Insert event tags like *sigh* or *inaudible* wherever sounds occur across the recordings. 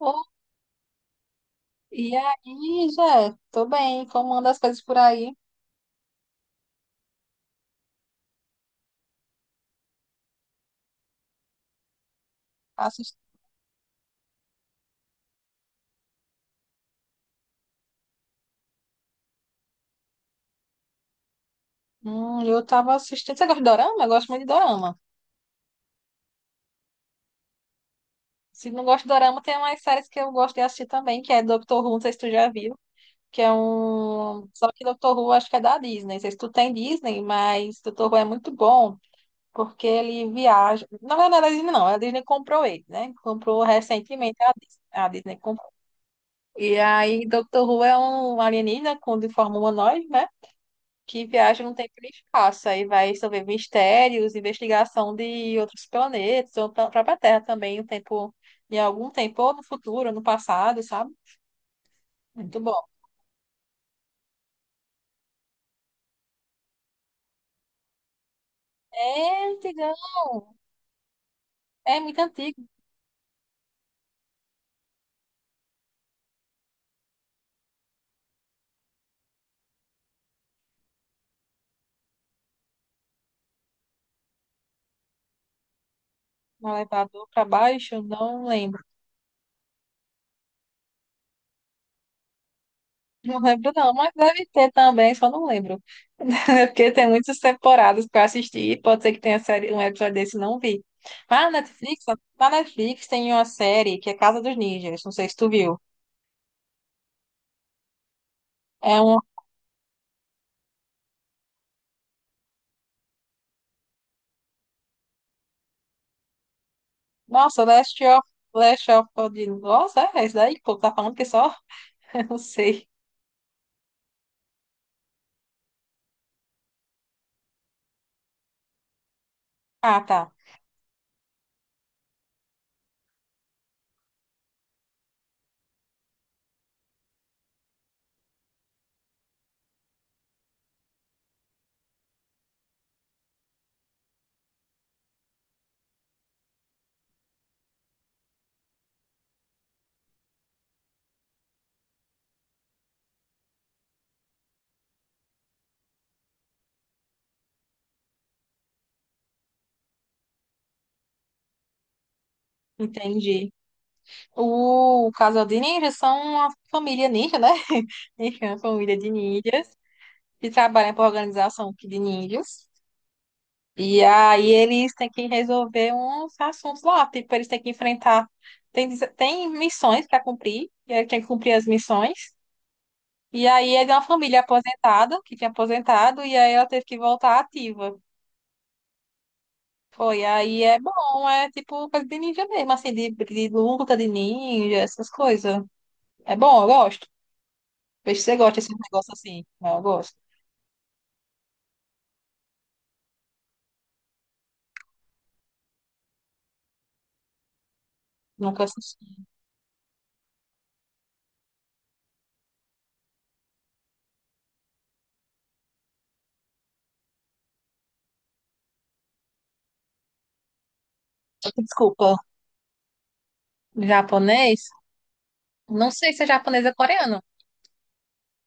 Oh, e aí, Jé? Tô bem. Como anda as coisas por aí? Assist... eu tava assistindo. Você gosta de dorama? Eu gosto muito de dorama. Se não gosta de dorama, tem umas séries que eu gosto de assistir também, que é Doctor Who, não sei se tu já viu. Que é um. Só que Doctor Who acho que é da Disney. Não sei se tu tem Disney, mas Doctor Who é muito bom, porque ele viaja. Na verdade, não é da Disney, não. A Disney comprou ele, né? Comprou recentemente a Disney. A Disney comprou. E aí, Doctor Who é um alienígena com de forma humanoide, né? Que viaja no tempo e no espaço. Aí vai resolver mistérios, investigação de outros planetas, ou pra própria Terra também, em algum tempo, ou no futuro, ou no passado, sabe? Muito bom. É antigão, é muito antigo. No elevador para baixo, não lembro. Não lembro não, mas deve ter também, só não lembro. *laughs* Porque tem muitas temporadas para assistir, pode ser que tenha série, um episódio desse, e não vi. Mas na Netflix tem uma série que é Casa dos Ninjas, não sei se tu viu. É uma Nossa, Last of the Nossa, é esse daí, pô, tá falando que é só? *laughs* Eu não sei. Ah, tá. Entendi. O casal de ninjas são uma família ninja, né? *laughs* Ninja é uma família de ninjas que trabalham para organização aqui de ninjas. E aí eles têm que resolver uns assuntos lá. Tipo, eles têm que enfrentar. Tem, tem missões para cumprir. E aí tem que cumprir as missões. E aí é de uma família aposentada, que tinha aposentado, e aí ela teve que voltar ativa. Foi, aí é bom, é tipo coisa de ninja mesmo, assim, de luta de ninja, essas coisas. É bom, eu gosto. Vejo se você gosta desse negócio assim. Não, eu gosto. Nunca assisti. Desculpa, japonês? Não sei se é japonês ou coreano.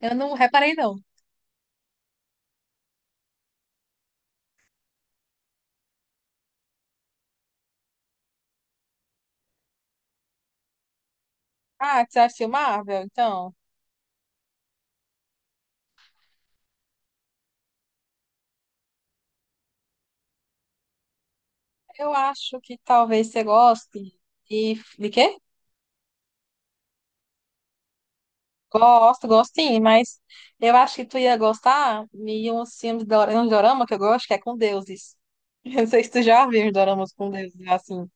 Eu não reparei, não. Ah, que você assistiu Marvel? Então, eu acho que talvez você goste de... De quê? Gosto, gosto sim, mas eu acho que tu ia gostar de uns filmes de um dorama que eu gosto, que é com deuses. *laughs* Eu não sei se tu já viu os doramas com deuses, assim,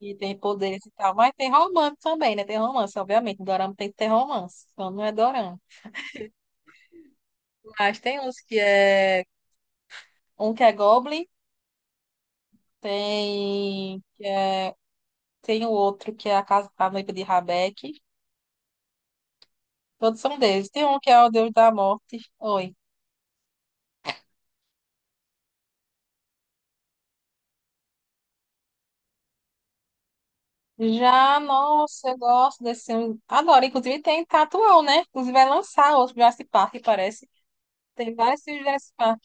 e tem poderes e tal, mas tem romance também, né? Tem romance, obviamente. Dorama tem que ter romance, então não é dorama. Mas tem uns que é. Um que é Goblin, tem. Tem o outro que é a Casa da Noiva de Rabeque. Todos são deuses. Tem um que é o Deus da Morte. Oi. Já, nossa, eu gosto desse filme. Agora, inclusive, tem tatuão né? Inclusive, vai lançar outro Jurassic Park, parece. Tem vários filmes de Jurassic Park,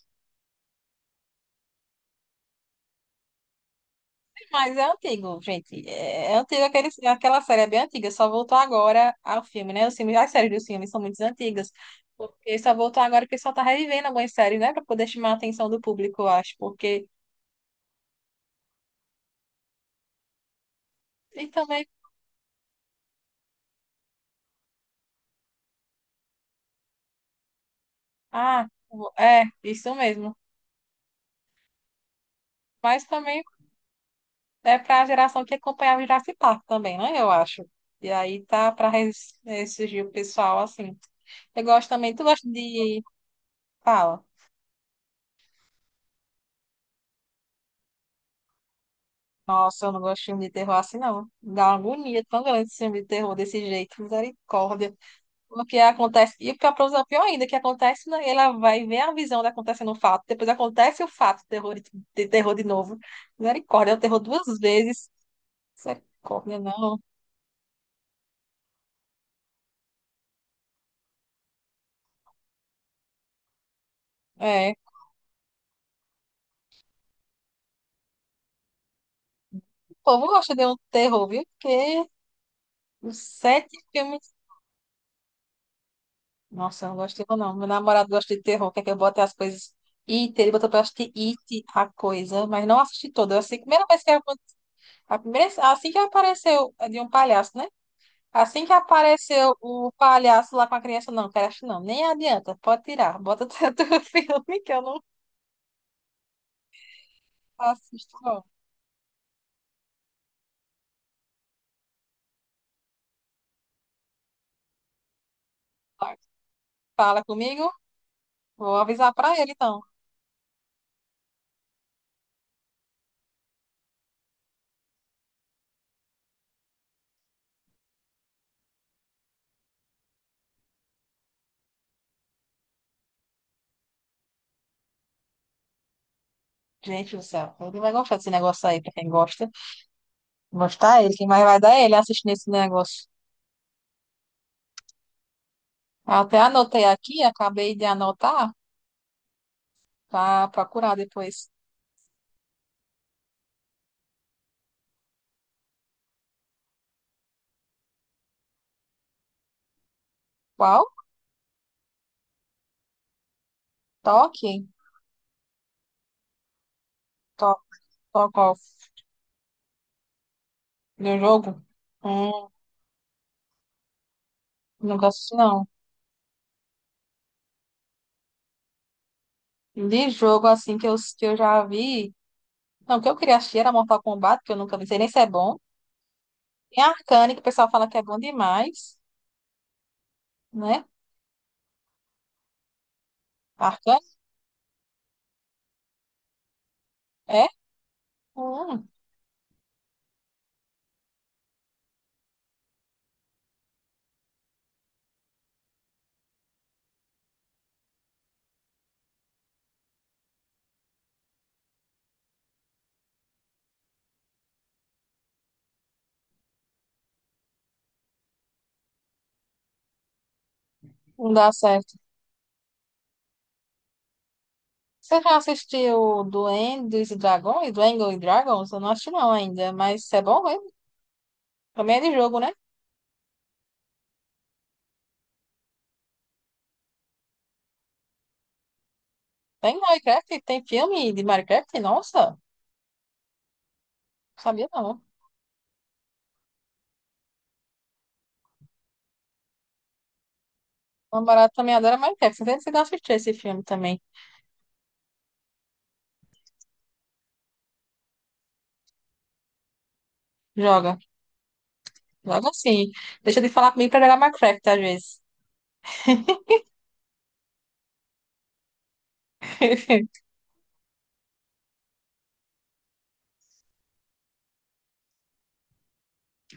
mas é antigo, gente. É, antigo, aquela série é bem antiga, só voltou agora ao filme, né? Os filmes, as séries dos filmes são muito antigas, porque só voltou agora porque só tá revivendo algumas séries, né? Pra poder chamar a atenção do público, eu acho, porque... E também... Ah, é, isso mesmo. Mas também é para a geração que acompanhava o Jurassic Park também, né? Eu acho. E aí tá para ressurgir o pessoal assim. Eu gosto também. Tu gosta de. Fala. Nossa, eu não gosto de filme de terror assim, não. Dá uma agonia tão grande esse filme de terror desse jeito, misericórdia. Porque acontece. E o pior, coisa pior ainda, que acontece, né? Ela vai ver a visão de acontecendo o fato. Depois acontece o fato, terror de terror de novo. Misericórdia, é o terror duas vezes. Misericórdia, não. É. O povo gosta de um terror, viu? Porque os sete filmes. Nossa, eu não gosto de terror, não. Meu namorado gosta de terror, quer que eu bote as coisas. It, ele botou pra eu assistir It, a coisa, mas não assisti toda. Assim, a primeira, assim que apareceu é de um palhaço, né? Assim que apareceu o palhaço lá com a criança, não, quero assistir, não. Nem adianta, pode tirar. Bota *laughs* o teu filme que eu não assisto, não. Tá, fala comigo, vou avisar pra ele, então. Gente do céu, ele vai gostar desse negócio aí, pra quem gosta. Gostar ele, quem mais vai dar é ele assistindo esse negócio. Até anotei aqui, acabei de anotar para procurar depois. Qual? Toque? To Talk Off. De jogo? Hum, nunca assisti, não. De jogo, assim, que eu já vi. Não, o que eu queria assistir era Mortal Kombat, que eu nunca vi, não sei nem se é bom. Tem Arcane, que o pessoal fala que é bom demais, né? Arcane? É? Hum, não dá certo. Você já assistiu Duendes e Dragões? Duendes e Dragons? Eu não assisti, não, ainda. Mas é bom mesmo. Também é de jogo, né? Tem Minecraft? Tem filme de Minecraft? Nossa, sabia não. Meu namorado também adora Minecraft. Não sei se você assistir esse filme também. Joga. Joga sim. Deixa de falar comigo pra jogar Minecraft às vezes. *laughs*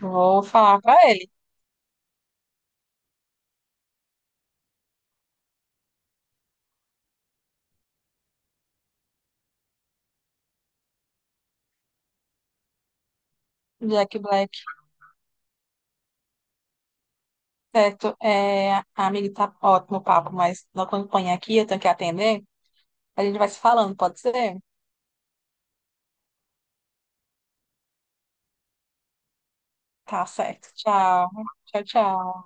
Vou falar pra ele. Jack Black. Certo. É, amigo, tá ótimo o papo, mas não acompanha aqui, eu tenho que atender. A gente vai se falando, pode ser? Tá certo. Tchau. Tchau, tchau.